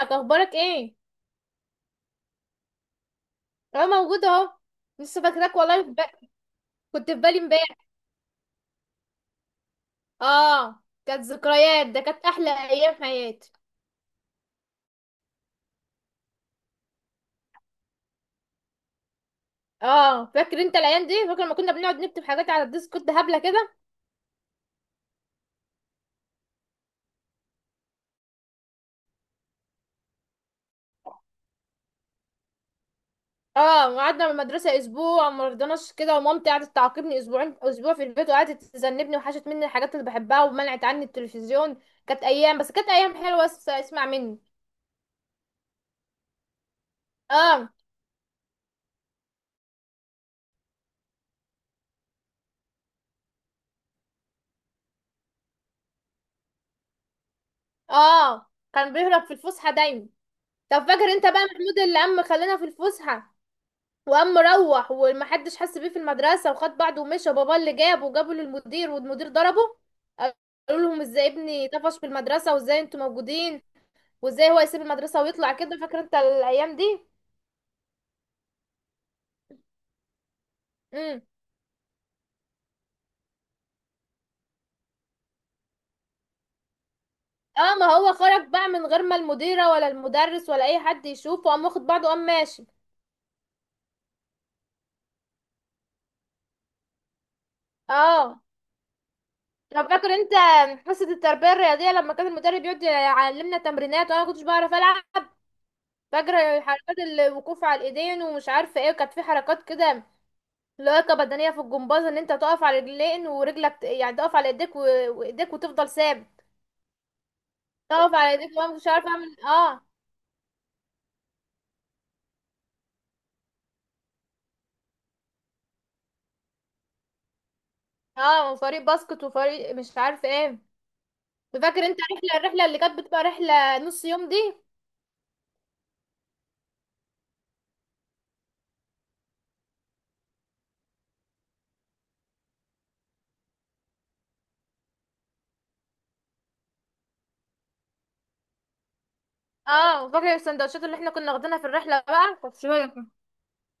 اخبارك ايه؟ اه موجوده اهو. لسه فاكراك والله كنت في بالي امبارح. اه كانت ذكريات، ده كانت احلى ايام في حياتي. اه فاكر انت الايام دي، فاكر لما كنا بنقعد نكتب حاجات على الديسكورد هبله كده. اه وقعدنا من المدرسه اسبوع ما رضناش كده، ومامتي قعدت تعاقبني اسبوعين، اسبوع في البيت، وقعدت تذنبني، وحشت مني الحاجات اللي بحبها ومنعت عني التلفزيون. كانت ايام، بس كانت ايام حلوه، بس اسمع مني. اه. اه. كان بيهرب في الفسحه دايما. طب فاكر انت بقى محمود اللي عم خلانا في الفسحه، وقام مروح ومحدش حس بيه في المدرسة، وخد بعضه ومشى. بابا اللي جابه وجابه للمدير، والمدير ضربه. قالوا لهم: ازاي ابني طفش في المدرسة؟ وازاي انتوا موجودين؟ وازاي هو يسيب المدرسة ويطلع كده؟ فاكر انت الايام دي؟ امم. اه ما هو خرج بقى من غير ما المديرة ولا المدرس ولا اي حد يشوفه، قام واخد بعضه قام ماشي. اه. طب فاكر انت حصة التربية الرياضية لما كان المدرب يقعد يعلمنا تمرينات وانا ما كنتش بعرف العب؟ فاكر حركات الوقوف على الايدين ومش عارفة ايه، وكانت في حركات كده، لياقة بدنية في الجمباز، ان انت تقف على رجلين ورجلك يعني تقف على ايديك وايديك وتفضل ثابت. تقف على ايديك وانا مش عارفة اعمل إيه. اه. اه وفريق باسكت وفريق مش عارفة ايه. فاكر انت الرحلة اللي كانت بتبقى رحلة نص يوم دي؟ اه فاكر السندوتشات اللي احنا كنا واخدينها في الرحلة بقى، كانت شوية كده.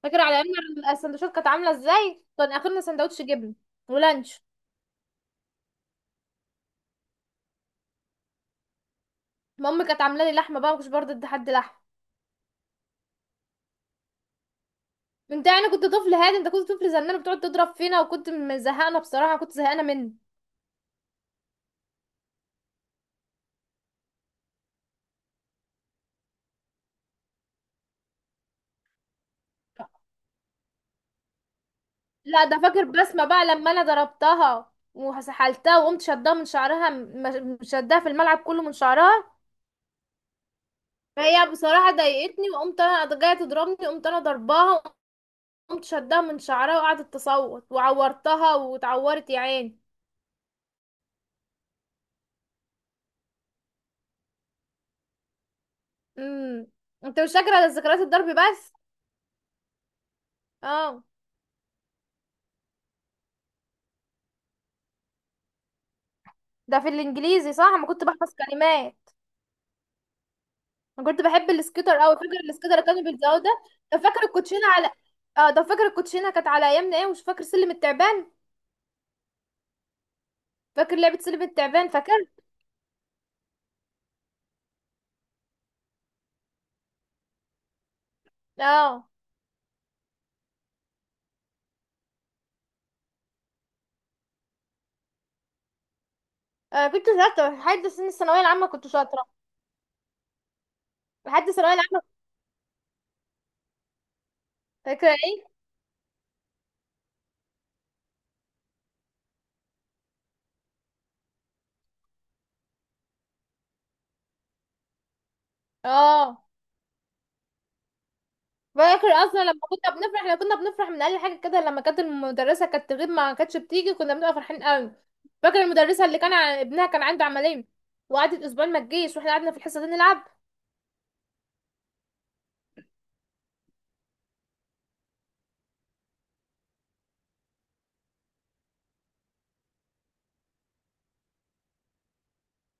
فاكر على ايامنا السندوتشات كانت عاملة ازاي؟ كان اخرنا سندوتش جبن ولانش. مامي كانت عاملة لي لحمة بقى، ما كنتش برضه ادي حد لحمة. انت يعني كنت طفل هادي؟ انت كنت طفل زنان، بتقعد تضرب فينا، وكنت مزهقنا بصراحة، كنت زهقانة منك. لا، ده فاكر بسمة بقى لما انا ضربتها وسحلتها وقمت شدها من شعرها، شدها في الملعب كله من شعرها. فهي بصراحة ضايقتني، وقمت انا جاية تضربني قمت انا ضرباها، وقمت شدها من شعرها، وقعدت تصوت وعورتها واتعورت يا عيني. امم. انت مش فاكرة ذكريات الضرب بس. اه ده في الانجليزي صح، انا كنت بحفظ كلمات. انا كنت بحب السكيتر اوي، فاكر السكيتر اللي كانوا بيلزقوه ده؟ ده فاكر الكوتشينة على، اه ده فاكر الكوتشينة كانت على ايامنا ايه، ومش فاكر سلم التعبان؟ فاكر لعبة سلم التعبان، فاكر؟ اه. آه، كنت شاطرة لحد سن الثانوية العامة، كنت شاطرة. لحد الثانوية العامة. فاكرة ايه؟ اه. فاكر اصلا لما كنا بنفرح، من اقل حاجة كده، لما كانت المدرسة كانت تغيب ما كانتش بتيجي، كنا بنبقى فرحين قوي. فاكر المدرسة اللي كان ابنها كان عنده عملية، وقعدت اسبوعين ما تجيش واحنا قعدنا في الحصة دي نلعب.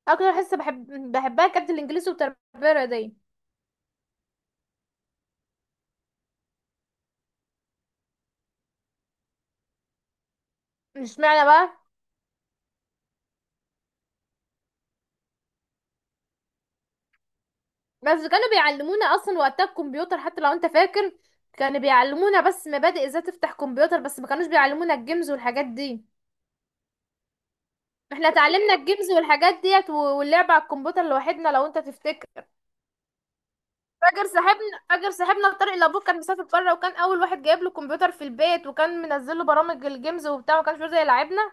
اكتر حصة بحبها كانت الانجليزي والتربية الرياضية. مش معنى بقى. بس كانوا بيعلمونا اصلا وقتها الكمبيوتر، حتى لو انت فاكر، كانوا بيعلمونا بس مبادئ ازاي تفتح كمبيوتر، بس ما كانوش بيعلمونا الجيمز والحاجات دي. احنا اتعلمنا الجيمز والحاجات ديت واللعب على الكمبيوتر لوحدنا لو انت تفتكر. فاكر صاحبنا طارق، لابوه كان مسافر بره، وكان اول واحد جايب له كمبيوتر في البيت، وكان منزل له برامج الجيمز وبتاع، وما كانش بيرضى يلعبنا.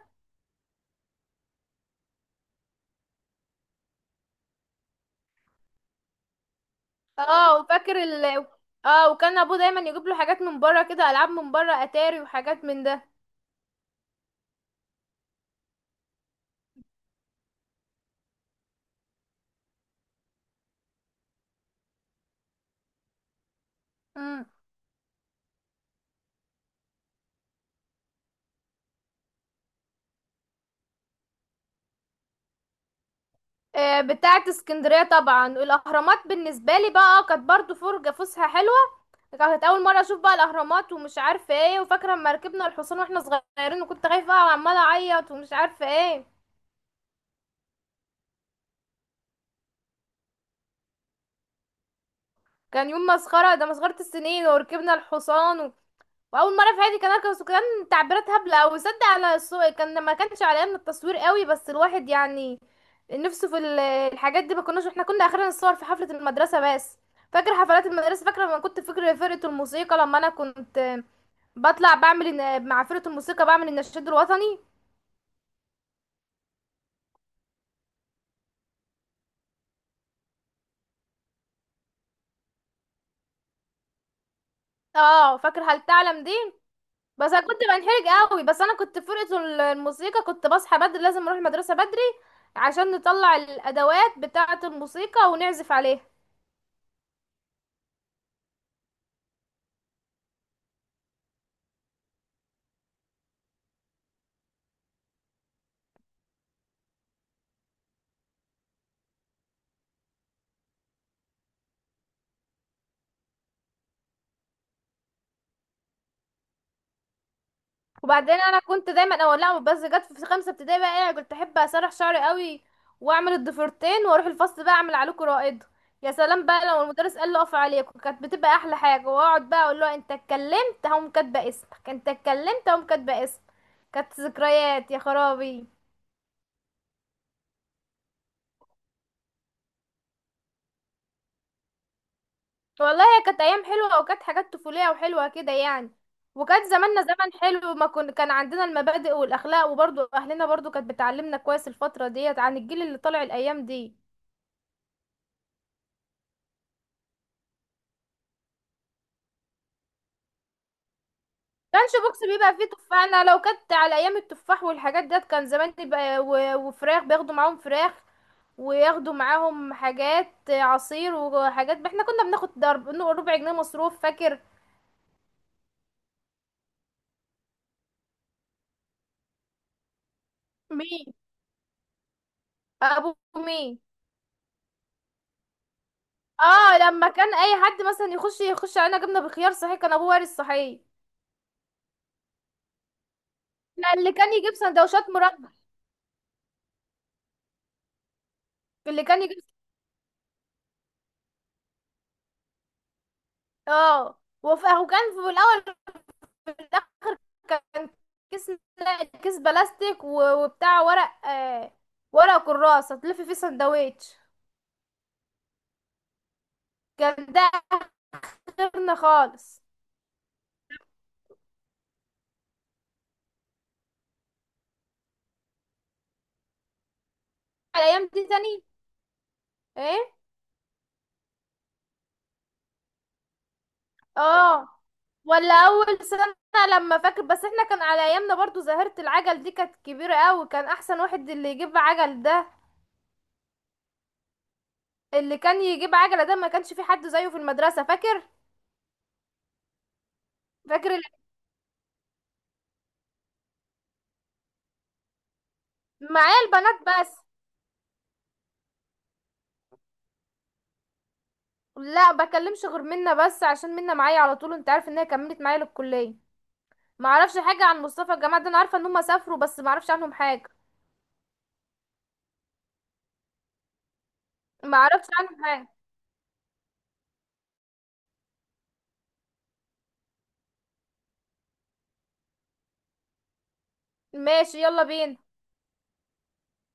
اه وفاكر ال اه وكان ابوه دايما يجيب له حاجات من بره كده، العاب من بره اتاري وحاجات من ده. مم. آه، بتاعة اسكندرية طبعا. الأهرامات بالنسبة لي بقى كانت برضو فرجة فسحة حلوة، كانت أول مرة أشوف بقى الأهرامات ومش عارفة ايه، وفاكرة لما ركبنا الحصان واحنا صغيرين وكنت خايفة أوي وعمالة أعيط ومش عارفة ايه. كان يوم مسخرة ده، مسخرة السنين، وركبنا الحصان. واول مره في حياتي كان اركب، وكان تعبيرات هبله او صدق على السوق، كان ما كانش على ايامنا التصوير قوي، بس الواحد يعني نفسه الحاجات دي، ما كناش احنا كنا اخرنا نصور في حفله المدرسه بس. فاكر حفلات المدرسه؟ فاكره لما كنت، فاكر فرقه الموسيقى لما انا كنت بطلع بعمل مع فرقه الموسيقى بعمل النشيد الوطني. اه فاكر هل تعلم دي؟ بس انا كنت بنحرج قوي، بس انا كنت في فرقه الموسيقى، كنت بصحى بدري لازم اروح المدرسه بدري عشان نطلع الادوات بتاعه الموسيقى ونعزف عليها. وبعدين انا كنت دايما اول، لا بس جت في خمسه ابتدائي بقى ايه، كنت احب اسرح شعري قوي واعمل الضفيرتين، واروح الفصل بقى اعمل عليكم رائد. يا سلام بقى لو المدرس قال له اقف عليكم، كانت بتبقى احلى حاجه، واقعد بقى اقول له: انت اتكلمت هقوم كاتبه اسمك، انت اتكلمت هقوم كاتبه اسمك. كانت ذكريات يا خرابي. والله هي كانت ايام حلوه، وكانت حاجات طفوليه وحلوه كده يعني. وكان زماننا زمن حلو، ما كن... كان عندنا المبادئ والاخلاق، وبرضو اهلنا برضو كانت بتعلمنا كويس الفتره ديت عن الجيل اللي طالع الايام دي. لانش بوكس بيبقى فيه تفاح، انا لو كنت على ايام التفاح والحاجات ديت كان زماني بقى، وفراخ، بياخدوا معاهم فراخ، وياخدوا معاهم حاجات عصير وحاجات. احنا كنا بناخد ضرب ربع جنيه مصروف، فاكر؟ مين؟ ابو؟ مين؟ اه لما كان اي حد مثلا يخش علينا جبنه بخيار، صحيح كان ابوه وارث، صحيح. لا، اللي كان يجيب سندوتشات مربى. اللي كان يجيب وكان في الاول، كان كيس، لا، كيس بلاستيك وبتاع ورق، ورق كراس هتلف فيه سندوتش. كان ده اخرنا خالص. على الايام دي تاني. ايه. اه. ولا اول سنه. لما فاكر بس احنا كان على ايامنا برضو ظاهره العجل دي كانت كبيره قوي، كان احسن واحد اللي يجيب عجل ده، اللي كان يجيب عجله ده ما كانش في حد زيه في المدرسه، فاكر؟ فاكر ال- معايا البنات بس، لا بكلمش غير منا بس عشان منا معايا على طول، انت عارف ان هي كملت معايا للكليه. ما اعرفش حاجه عن مصطفى، الجماعه ده انا عارفه ان هم سافروا بس ما اعرفش عنهم حاجه. ما اعرفش عنهم حاجه. ماشي، يلا بينا.